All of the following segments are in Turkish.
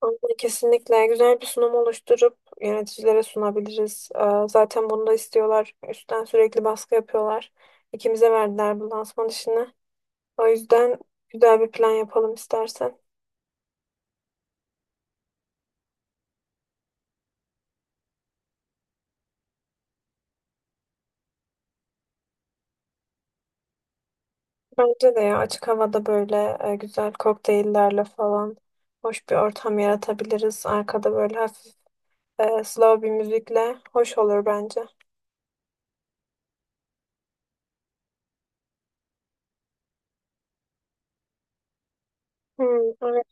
Aynen, kesinlikle güzel bir sunum oluşturup yöneticilere sunabiliriz. Zaten bunu da istiyorlar. Üstten sürekli baskı yapıyorlar. İkimize verdiler bu lansman işini. O yüzden güzel bir plan yapalım istersen. Bence de ya açık havada böyle güzel kokteyllerle falan hoş bir ortam yaratabiliriz. Arkada böyle hafif slow bir müzikle hoş olur bence. Hmm, evet,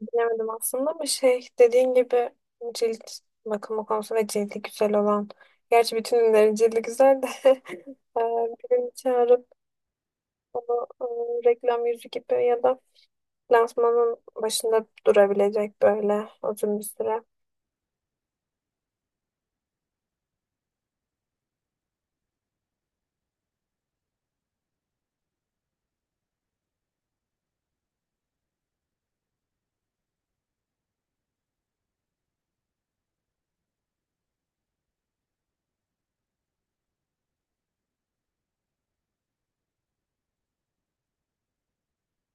bilemedim aslında ama şey dediğin gibi cilt bakımı konusu ve cildi güzel olan. Gerçi bütün ürünlerin cildi güzel de birini çağırıp onu reklam yüzü gibi ya da lansmanın başında durabilecek böyle uzun bir süre.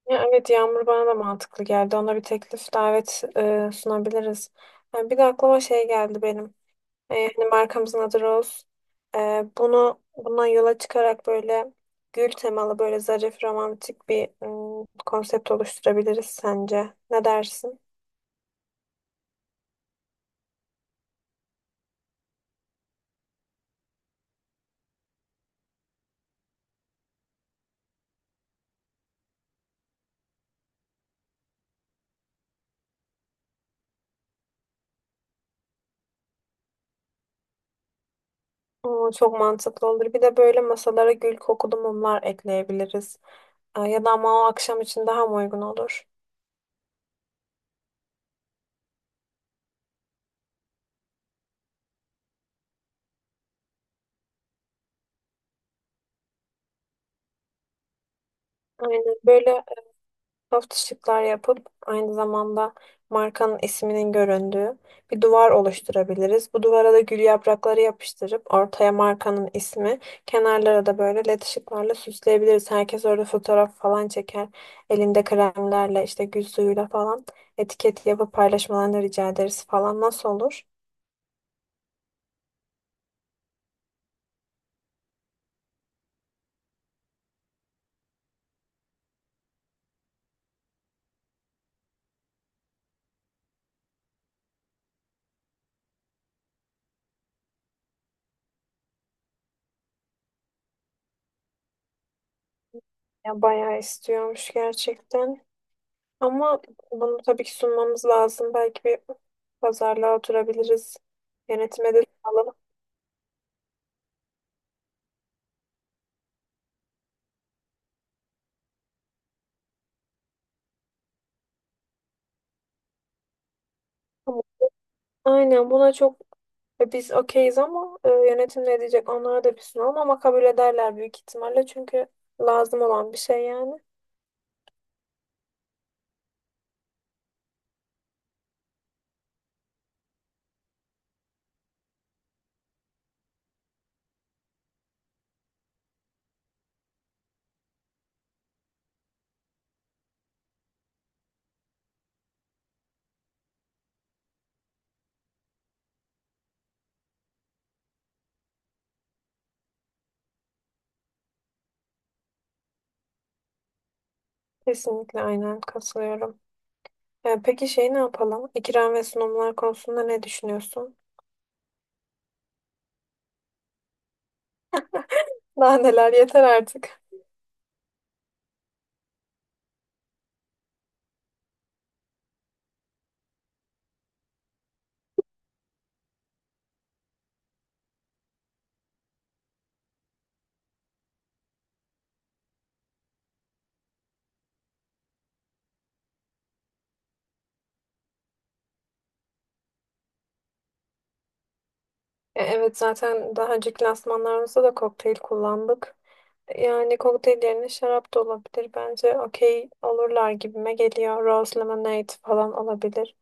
Ya evet, Yağmur bana da mantıklı geldi. Ona bir teklif davet sunabiliriz. Ha, bir de aklıma şey geldi benim. Hani markamızın adı Rose. E, bunu Bundan yola çıkarak böyle gül temalı böyle zarif romantik bir konsept oluşturabiliriz sence. Ne dersin? Oo, çok mantıklı olur. Bir de böyle masalara gül kokulu mumlar ekleyebiliriz. Ya da ama o akşam için daha mı uygun olur? Aynen böyle şıklar yapıp aynı zamanda markanın isminin göründüğü bir duvar oluşturabiliriz. Bu duvara da gül yaprakları yapıştırıp ortaya markanın ismi, kenarlara da böyle led ışıklarla süsleyebiliriz. Herkes orada fotoğraf falan çeker. Elinde kremlerle işte gül suyuyla falan etiket yapıp paylaşmalarını rica ederiz falan. Nasıl olur? Ya bayağı istiyormuş gerçekten. Ama bunu tabii ki sunmamız lazım. Belki bir pazarlığa oturabiliriz. Yönetime de alalım. Aynen, buna çok biz okeyiz ama yönetim ne diyecek, onlara da bir sunalım ama kabul ederler büyük ihtimalle çünkü lazım olan bir şey yani. Kesinlikle aynen katılıyorum. Peki şey ne yapalım? İkram ve sunumlar konusunda ne düşünüyorsun? Daha neler, yeter artık. Evet, zaten daha önceki lansmanlarımızda da kokteyl kullandık. Yani kokteyl yerine şarap da olabilir. Bence okey olurlar gibime geliyor. Rose lemonade falan olabilir.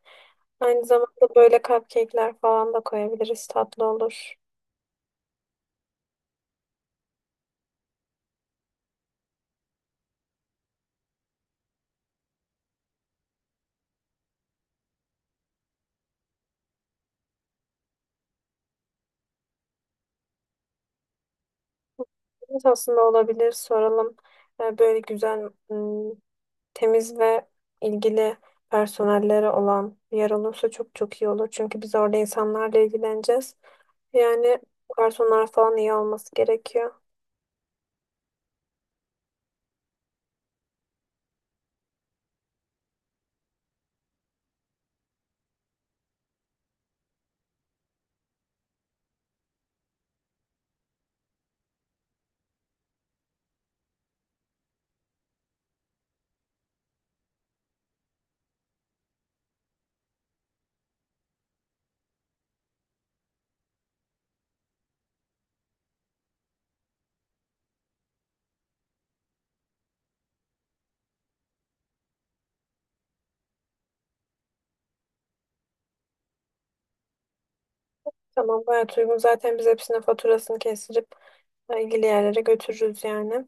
Aynı zamanda böyle cupcake'ler falan da koyabiliriz. Tatlı olur. Evet, aslında olabilir. Soralım. Böyle güzel, temiz ve ilgili personelleri olan bir yer olursa çok çok iyi olur. Çünkü biz orada insanlarla ilgileneceğiz. Yani personel falan iyi olması gerekiyor. Tamam, gayet uygun. Zaten biz hepsine faturasını kestirip ilgili yerlere götürürüz yani.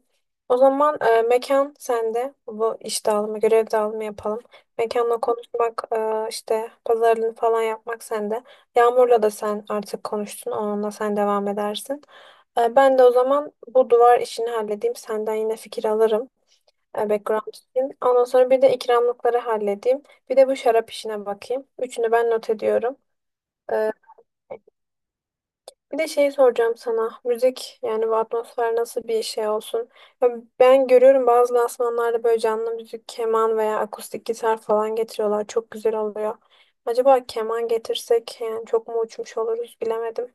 O zaman mekan sende. Bu iş dağılımı, görev dağılımı yapalım. Mekanla konuşmak, işte pazarlığını falan yapmak sende. Yağmur'la da sen artık konuştun. Onunla sen devam edersin. Ben de o zaman bu duvar işini halledeyim. Senden yine fikir alırım. Background için. Ondan sonra bir de ikramlıkları halledeyim. Bir de bu şarap işine bakayım. Üçünü ben not ediyorum. E, Bir de şey soracağım sana. Müzik yani bu atmosfer nasıl bir şey olsun? Ya ben görüyorum bazı lansmanlarda böyle canlı müzik, keman veya akustik gitar falan getiriyorlar. Çok güzel oluyor. Acaba keman getirsek, yani çok mu uçmuş oluruz bilemedim.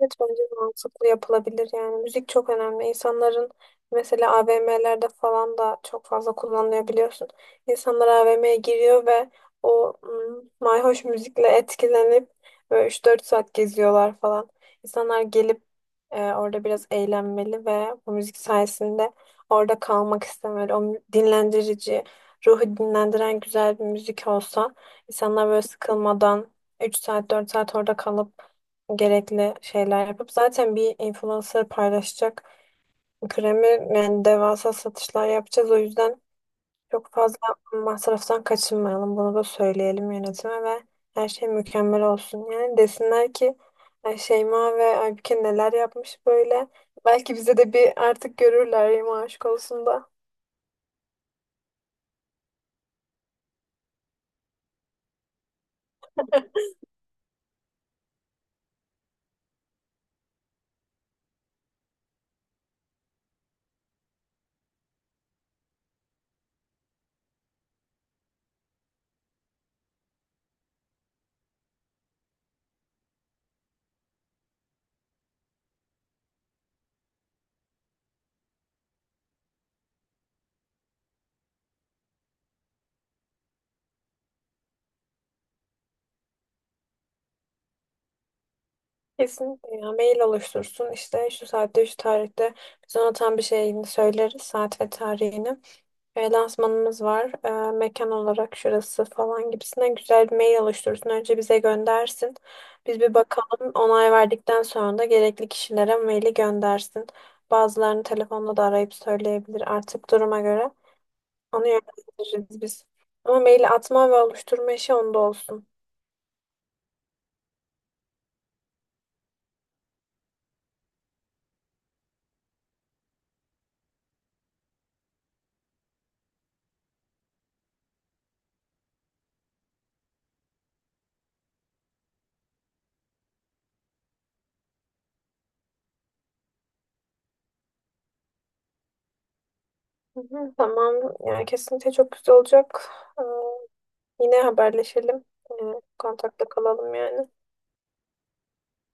Evet, bence de mantıklı, yapılabilir yani. Müzik çok önemli. İnsanların mesela AVM'lerde falan da çok fazla kullanılıyor, biliyorsun. İnsanlar AVM'ye giriyor ve o mayhoş müzikle etkilenip böyle 3 4 saat geziyorlar falan. İnsanlar gelip orada biraz eğlenmeli ve bu müzik sayesinde orada kalmak istemeli. Dinlendirici, ruhu dinlendiren güzel bir müzik olsa insanlar böyle sıkılmadan 3 saat 4 saat orada kalıp gerekli şeyler yapıp zaten bir influencer paylaşacak kremi, yani devasa satışlar yapacağız. O yüzden çok fazla masraftan kaçınmayalım. Bunu da söyleyelim yönetime ve her şey mükemmel olsun. Yani desinler ki "Ay, Şeyma ve Aybüke neler yapmış böyle." Belki bize de bir artık görürler Şeyma, aşk olsun da. Kesinlikle, ya mail oluştursun, işte şu saatte şu tarihte, biz ona tam bir şeyini söyleriz, saat ve tarihini. Lansmanımız var. Mekan olarak şurası falan gibisine güzel bir mail oluşturursun. Önce bize göndersin. Biz bir bakalım. Onay verdikten sonra da gerekli kişilere maili göndersin. Bazılarını telefonla da arayıp söyleyebilir artık duruma göre. Onu yönlendiririz biz. Ama maili atma ve oluşturma işi onda olsun. Hı hı, tamam. Yani kesinlikle çok güzel olacak. Yine haberleşelim. E, Kontakta kalalım yani.